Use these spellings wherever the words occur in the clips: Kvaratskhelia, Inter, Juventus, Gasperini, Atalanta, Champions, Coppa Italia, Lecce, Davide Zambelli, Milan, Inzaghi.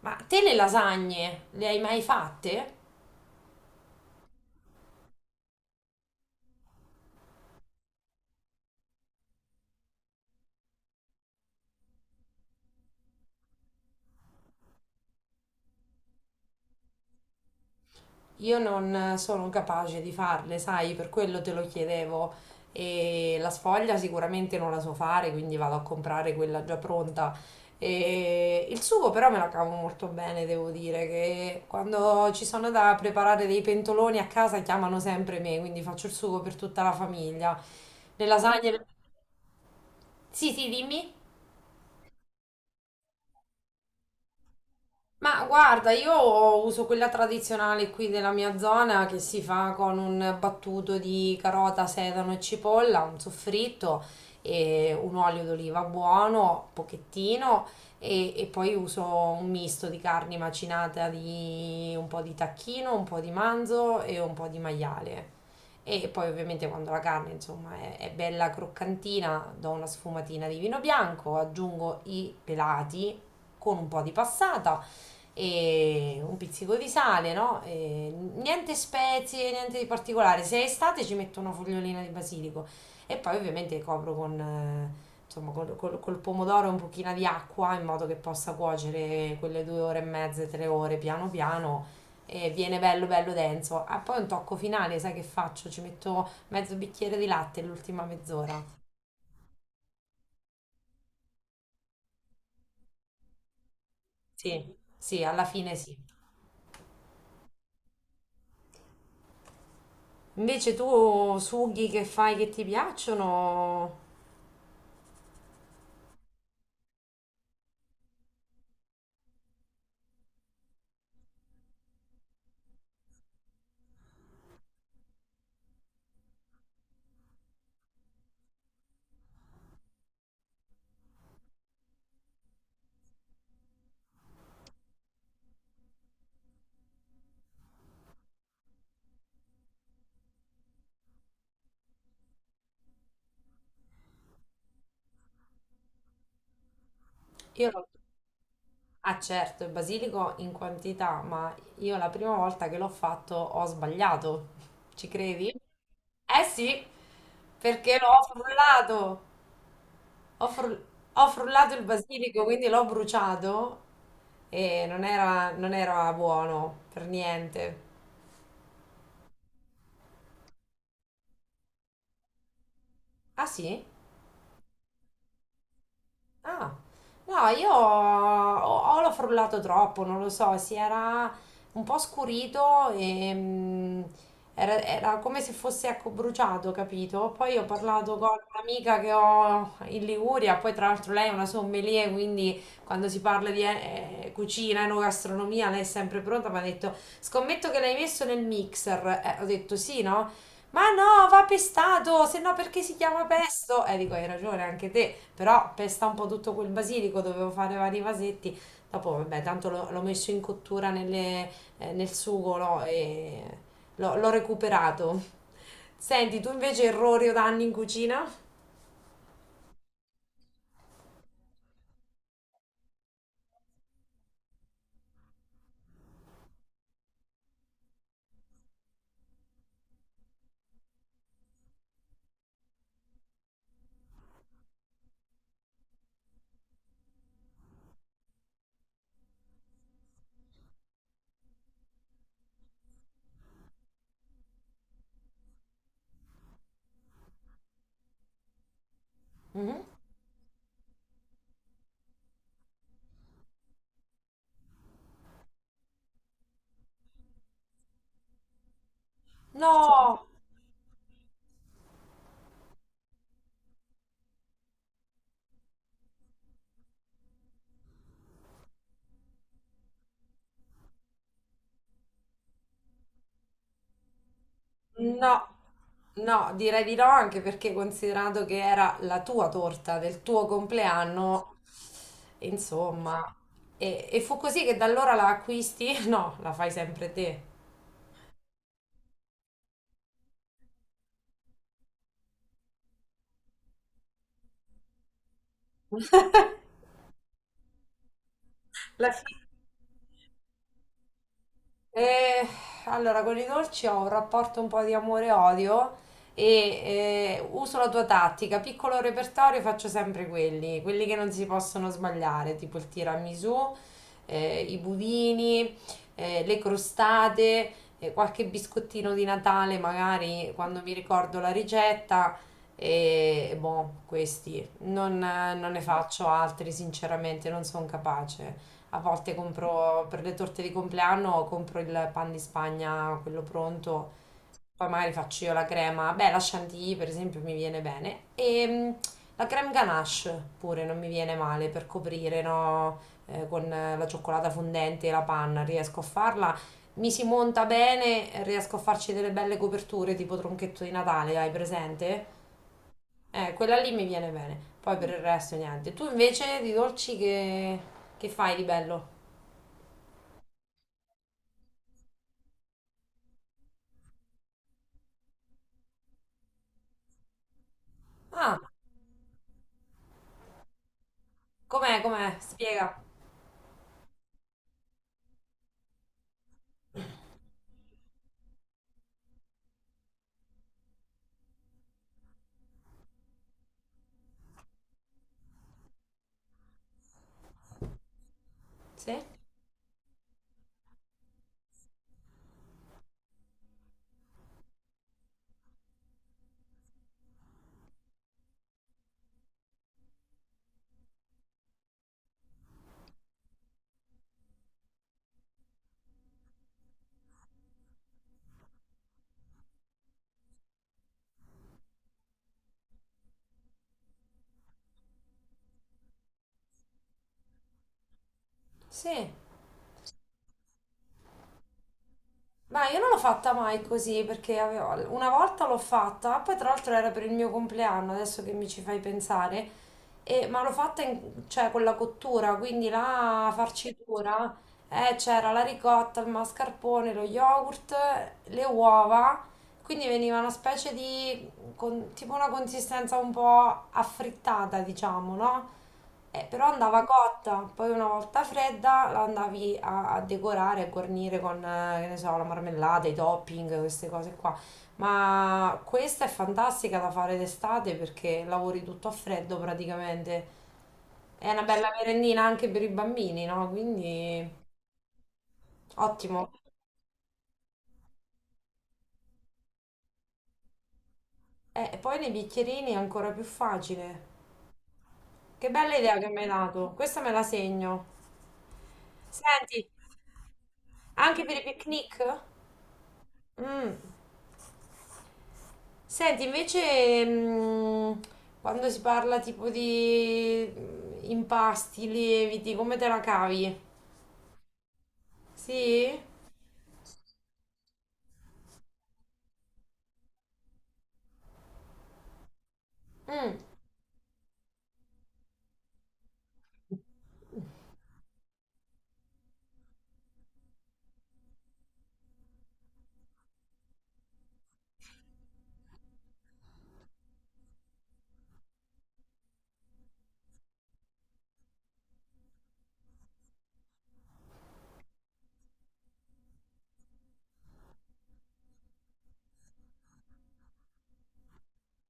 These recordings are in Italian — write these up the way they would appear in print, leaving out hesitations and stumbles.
Ma te le lasagne le hai mai fatte? Io non sono capace di farle, sai, per quello te lo chiedevo. E la sfoglia sicuramente non la so fare, quindi vado a comprare quella già pronta. E il sugo però me la cavo molto bene, devo dire, che quando ci sono da preparare dei pentoloni a casa chiamano sempre me, quindi faccio il sugo per tutta la famiglia. Le lasagne... Sì, sì, dimmi. Ma guarda, io uso quella tradizionale qui della mia zona che si fa con un battuto di carota, sedano e cipolla, un soffritto e un olio d'oliva buono, pochettino, e poi uso un misto di carni macinata di un po' di tacchino, un po' di manzo e un po' di maiale. E poi ovviamente quando la carne, insomma, è bella croccantina, do una sfumatina di vino bianco, aggiungo i pelati con un po' di passata e un pizzico di sale, no? E niente spezie, niente di particolare. Se è estate ci metto una fogliolina di basilico e poi ovviamente copro con, insomma, col pomodoro e un pochino di acqua in modo che possa cuocere quelle due ore e mezza, tre ore piano piano. E viene bello bello denso. Ah, poi un tocco finale, sai che faccio? Ci metto mezzo bicchiere di latte l'ultima mezz'ora. Sì, sì, alla fine sì. Invece tu sughi che fai che ti piacciono? Io no. Ah certo, il basilico in quantità, ma io la prima volta che l'ho fatto ho sbagliato. Ci credi? Eh sì, perché l'ho frullato. Ho, fru- Ho frullato il basilico, quindi l'ho bruciato e non era buono per niente. Ah sì? Ah, no, io o l'ho frullato troppo, non lo so, si era un po' scurito e mm, era come se fosse ecco, bruciato, capito? Poi ho parlato con un'amica che ho in Liguria, poi tra l'altro lei è una sommelier, quindi quando si parla di cucina, enogastronomia, lei è sempre pronta, mi ha detto, scommetto che l'hai messo nel mixer. Ho detto sì, no? Ma no, va pestato, se no perché si chiama pesto? Dico, hai ragione anche te, però pesta un po' tutto quel basilico, dovevo fare vari vasetti. Dopo, vabbè, tanto l'ho messo in cottura nel sugo, no? E l'ho recuperato. Senti, tu invece errori o danni in cucina? Mhm. No! No, no, direi di no, anche perché considerando che era la tua torta del tuo compleanno, insomma, e fu così che da allora la acquisti? No, la fai sempre te. La fai. Eh, allora, con i dolci ho un rapporto un po' di amore-odio e odio e uso la tua tattica. Piccolo repertorio faccio sempre quelli, quelli che non si possono sbagliare, tipo il tiramisù, i budini, le crostate, qualche biscottino di Natale, magari quando mi ricordo la ricetta. E boh, questi non, non ne faccio altri, sinceramente, non sono capace. A volte compro per le torte di compleanno, compro il pan di Spagna, quello pronto, poi magari faccio io la crema. Beh, la chantilly per esempio mi viene bene. E mm, la creme ganache pure non mi viene male per coprire, no? Con la cioccolata fondente e la panna, riesco a farla. Mi si monta bene, riesco a farci delle belle coperture tipo tronchetto di Natale, hai presente? Quella lì mi viene bene. Poi per il resto niente. Tu invece di che fai di bello? Ah, com'è, com'è? Spiega. Sì? Sì. Ma io non l'ho fatta mai così perché avevo- una volta l'ho fatta, poi tra l'altro era per il mio compleanno, adesso che mi ci fai pensare, ma l'ho cioè, con la cottura, quindi la farcitura, c'era la ricotta, il mascarpone, lo yogurt, le uova, quindi veniva con- tipo una consistenza un po' affrittata, diciamo, no? Però andava cotta, poi una volta fredda la andavi a decorare, a guarnire con, che ne so, la marmellata, i topping, queste cose qua. Ma questa è fantastica da fare d'estate perché lavori tutto a freddo praticamente. È una bella merendina anche per i bambini, no? Quindi ottimo. E poi nei bicchierini è ancora più facile. Che bella idea che mi hai dato. Questa me la segno. Senti, anche per i picnic? Mm. Senti, invece, quando si parla tipo di impasti, lieviti, come te la cavi? Sì? Mm.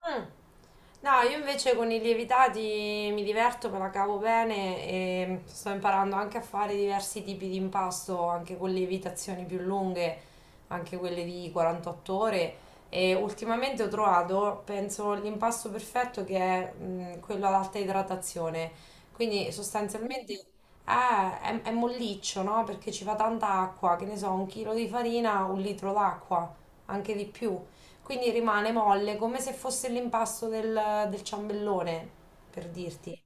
Mm. No, io invece con i lievitati mi diverto, me la cavo bene e sto imparando anche a fare diversi tipi di impasto, anche con lievitazioni più lunghe, anche quelle di 48 ore. E ultimamente ho trovato, penso, l'impasto perfetto che è quello ad alta idratazione. Quindi sostanzialmente è molliccio, no? Perché ci va tanta acqua, che ne so, un chilo di farina, un litro d'acqua, anche di più. Quindi rimane molle come se fosse l'impasto del ciambellone, per dirti.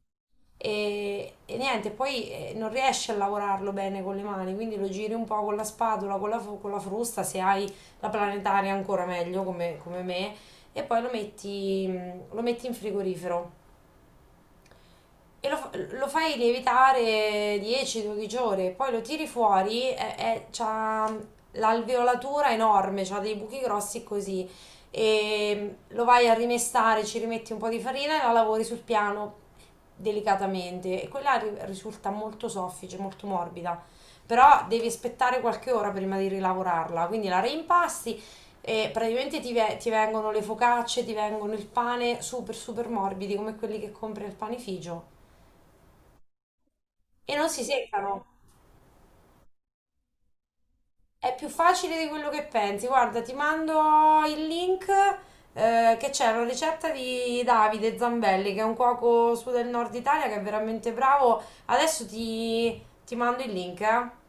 E niente, poi non riesci a lavorarlo bene con le mani, quindi lo giri un po' con la spatola, con con la frusta, se hai la planetaria ancora meglio come me, e poi lo metti in frigorifero. E lo, lo fai lievitare 10-12 ore, poi lo tiri fuori e c'ha l'alveolatura enorme, c'ha dei buchi grossi così. E lo vai a rimestare, ci rimetti un po' di farina e la lavori sul piano delicatamente. E quella risulta molto soffice, molto morbida. Però devi aspettare qualche ora prima di rilavorarla. Quindi la reimpasti e praticamente ti vengono le focacce, ti vengono il pane super super morbidi come quelli che compri al panificio e non si seccano. È più facile di quello che pensi. Guarda, ti mando il link che c'è una ricetta di Davide Zambelli, che è un cuoco su del nord Italia che è veramente bravo. Adesso ti mando il link, eh.